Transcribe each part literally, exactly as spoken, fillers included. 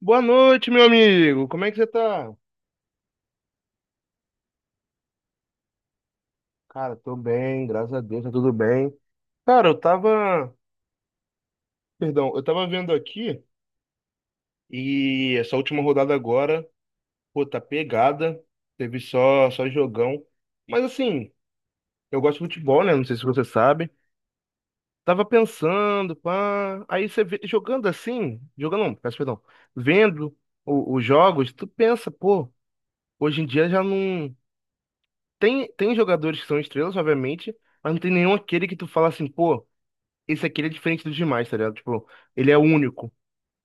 Boa noite, meu amigo. Como é que você tá? Cara, tô bem, graças a Deus, tá tudo bem. Cara, eu tava, perdão, eu tava vendo aqui e essa última rodada agora, pô, tá pegada. Teve só só jogão. Mas assim, eu gosto de futebol, né? Não sei se você sabe. Tava pensando, pá, aí você vê, jogando assim, jogando não, peço perdão, vendo o- os jogos, tu pensa, pô, hoje em dia já não. Tem, tem jogadores que são estrelas, obviamente, mas não tem nenhum aquele que tu fala assim, pô, esse aqui ele é diferente dos demais, tá ligado? Tipo, ele é único.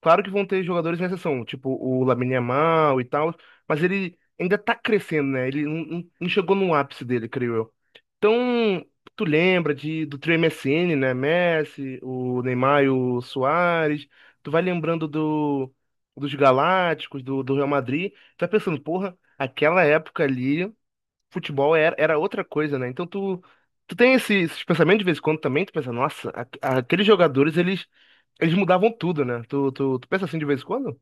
Claro que vão ter jogadores em exceção, tipo o Lamine Yamal e tal, mas ele ainda tá crescendo, né? Ele não, não não chegou no ápice dele, creio eu. Então, tu lembra de, do trio M S N, né? Messi, o Neymar e o Suárez. Tu vai lembrando do, dos Galácticos, do, do Real Madrid. Tu vai pensando, porra, aquela época ali futebol era, era outra coisa, né? Então tu, tu tem esse- esses pensamentos de vez em quando também, tu pensa, nossa, a- aqueles jogadores, eles, eles mudavam tudo, né? Tu, tu, tu pensa assim de vez em quando?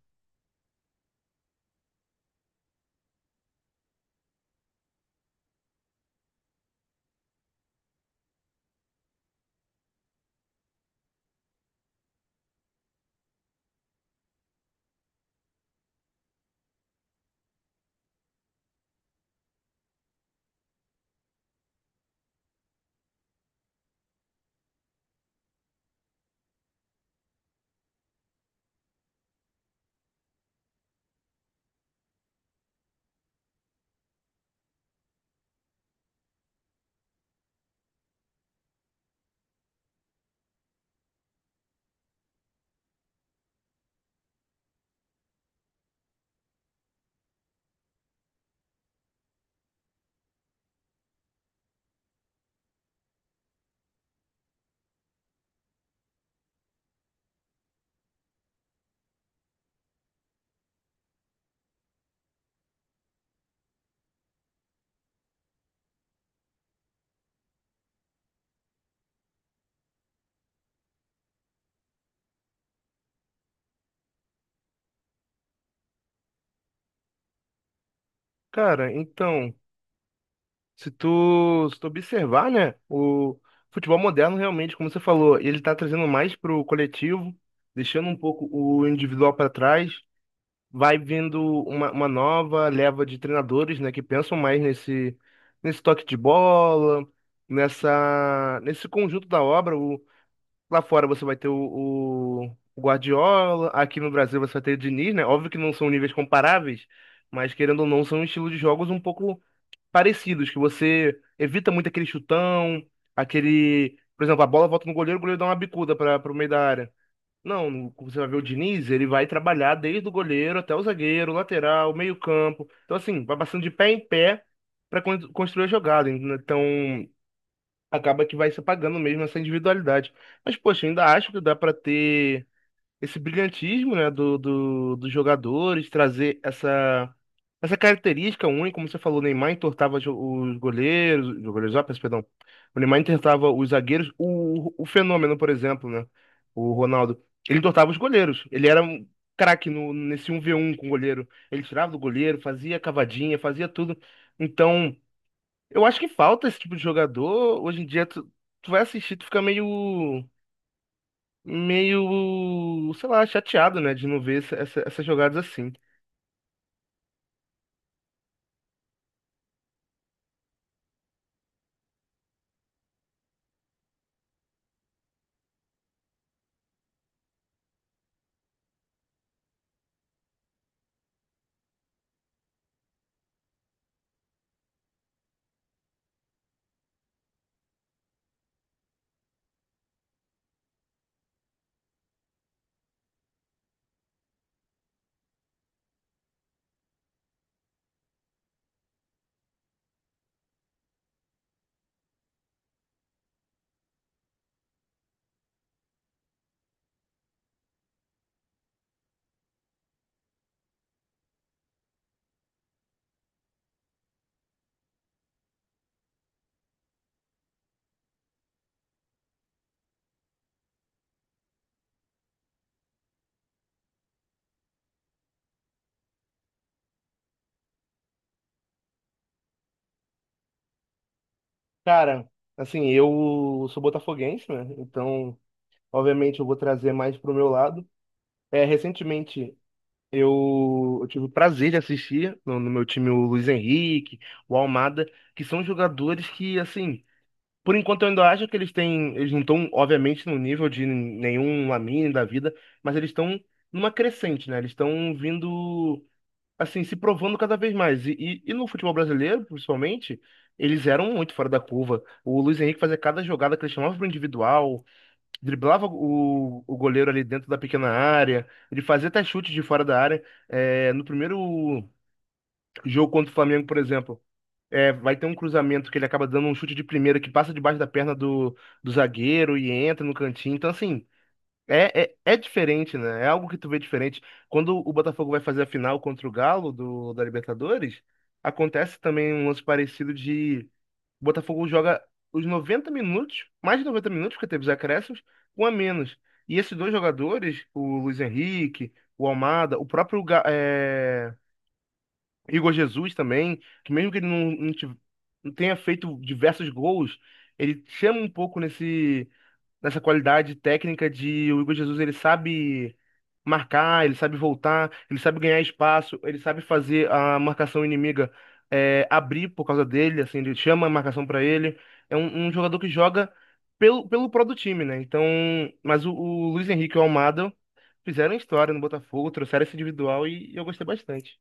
Cara, então, se tu, se tu observar, né, o futebol moderno realmente, como você falou, ele tá trazendo mais pro coletivo, deixando um pouco o individual para trás, vai vindo uma, uma nova leva de treinadores, né, que pensam mais nesse, nesse toque de bola, nessa, nesse conjunto da obra. Lá fora você vai ter o, o- o Guardiola, aqui no Brasil você vai ter o Diniz, né? Óbvio que não são níveis comparáveis, mas querendo ou não, são estilos de jogos um pouco parecidos, que você evita muito aquele chutão, aquele. Por exemplo, a bola volta no goleiro, o goleiro dá uma bicuda para o meio da área. Não, você vai ver o Diniz, ele vai trabalhar desde o goleiro até o zagueiro, lateral, meio campo. Então, assim, vai passando de pé em pé para construir a jogada. Então, acaba que vai se apagando mesmo essa individualidade. Mas, poxa, eu ainda acho que dá para ter esse brilhantismo, né, do, do, dos jogadores, trazer essa, essa característica única, como você falou, o Neymar entortava jo- os goleiros, os goleiros, ó, peço perdão, o Neymar entortava os zagueiros, o, o Fenômeno, por exemplo, né, o Ronaldo, ele entortava os goleiros, ele era um craque no, nesse um v um com o goleiro, ele tirava do goleiro, fazia cavadinha, fazia tudo, então. Eu acho que falta esse tipo de jogador. Hoje em dia, tu, tu vai assistir, tu fica meio, meio, sei lá, chateado, né, de não ver essa- essa- essas jogadas assim. Cara, assim, eu sou botafoguense, né? Então, obviamente, eu vou trazer mais pro meu lado. É, recentemente, eu, eu tive o prazer de assistir no, no meu time o Luiz Henrique, o Almada, que são jogadores que, assim. Por enquanto, eu ainda acho que eles têm. Eles não estão, obviamente, no nível de nenhum Lamine da vida, mas eles estão numa crescente, né? Eles estão vindo, assim, se provando cada vez mais. E, e, e no futebol brasileiro, principalmente, eles eram muito fora da curva. O Luiz Henrique fazia cada jogada que ele chamava para o individual, driblava o, o goleiro ali dentro da pequena área, ele fazia até chute de fora da área. É, no primeiro jogo contra o Flamengo, por exemplo. É, vai ter um cruzamento que ele acaba dando um chute de primeira que passa debaixo da perna do, do zagueiro e entra no cantinho. Então, assim, é, é, é diferente, né? É algo que tu vê diferente. Quando o Botafogo vai fazer a final contra o Galo do, da Libertadores, acontece também um lance parecido de o Botafogo joga os noventa minutos, mais de 90 minutos, porque teve os acréscimos, um a menos. E esses dois jogadores, o Luiz Henrique, o Almada, o próprio Ga- é, Igor Jesus também, que mesmo que ele não, não tive- não tenha feito diversos gols, ele chama um pouco nesse, nessa qualidade técnica de o Igor Jesus, ele sabe marcar, ele sabe voltar, ele sabe ganhar espaço, ele sabe fazer a marcação inimiga é, abrir por causa dele, assim, ele chama a marcação para ele. É um um jogador que joga pelo, pelo pró do time, né? Então, mas o, o Luiz Henrique e o Almada fizeram história no Botafogo, trouxeram esse individual e eu gostei bastante.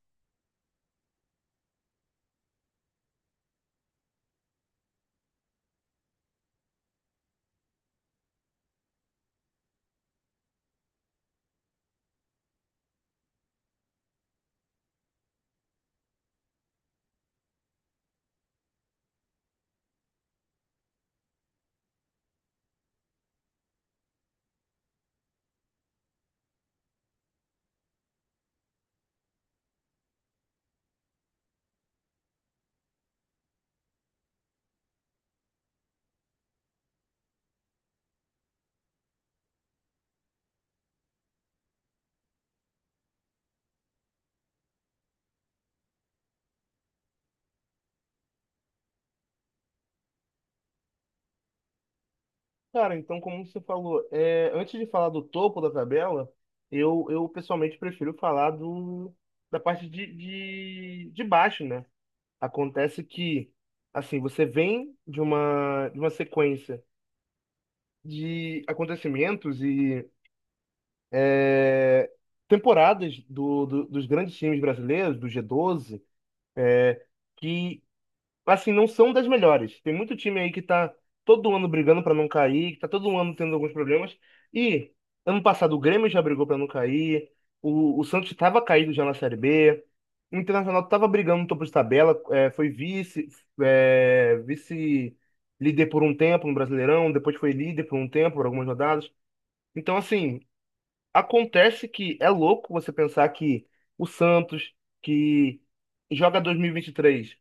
Cara, então, como você falou, é, antes de falar do topo da tabela, eu, eu pessoalmente prefiro falar do, da parte de, de, de baixo, né? Acontece que, assim, você vem de uma, de uma sequência de acontecimentos e é, temporadas do, do- dos grandes times brasileiros, do G doze, que assim, não são das melhores. Tem muito time aí que tá todo ano brigando pra não cair, que tá todo ano tendo alguns problemas. E ano passado o Grêmio já brigou pra não cair, o, o Santos tava caído já na Série B, o Internacional tava brigando no topo de tabela, é, foi vice, é, vice-líder por um tempo no Brasileirão, depois foi líder por um tempo, por algumas rodadas. Então, assim, acontece que é louco você pensar que o Santos, que joga dois mil e vinte e três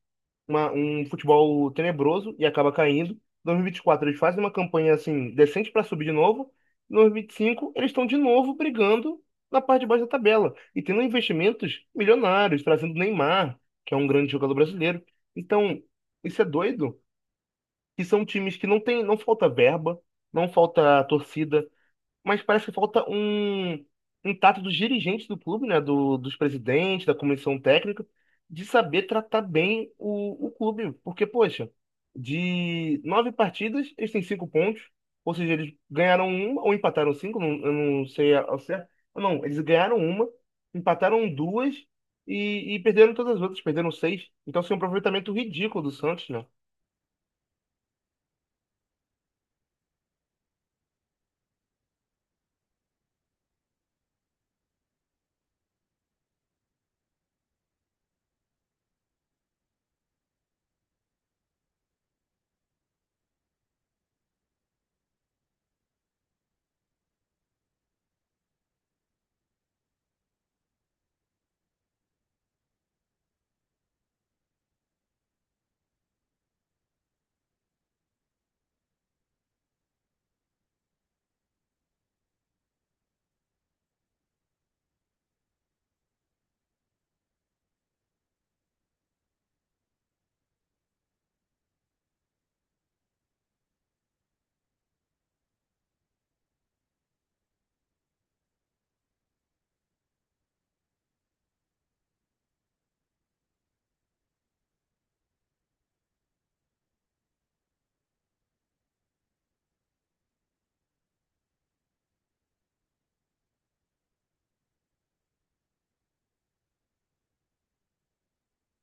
uma- um futebol tenebroso e acaba caindo, dois mil e vinte e quatro eles fazem uma campanha assim decente para subir de novo, em dois mil e vinte e cinco eles estão de novo brigando na parte de baixo da tabela e tendo investimentos milionários, trazendo Neymar, que é um grande jogador brasileiro. Então, isso é doido, que são times que não tem, não falta verba, não falta torcida, mas parece que falta um, um tato dos dirigentes do clube, né? Do, dos presidentes, da comissão técnica, de saber tratar bem o, o clube. Porque, poxa, de nove partidas, eles têm cinco pontos. Ou seja, eles ganharam uma ou empataram cinco, não, eu não sei ao certo. Não, eles ganharam uma, empataram duas e, e perderam todas as outras, perderam seis. Então, assim, um aproveitamento ridículo do Santos, né?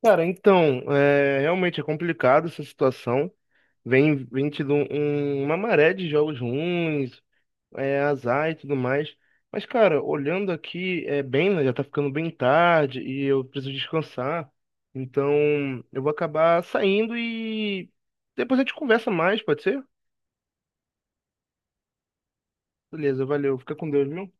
Cara, então, é, realmente é complicado essa situação. Vem, vem tido um- um, uma maré de jogos ruins, é, azar e tudo mais. Mas, cara, olhando aqui, é bem, né, já tá ficando bem tarde e eu preciso descansar. Então, eu vou acabar saindo e depois a gente conversa mais, pode ser? Beleza, valeu. Fica com Deus, meu.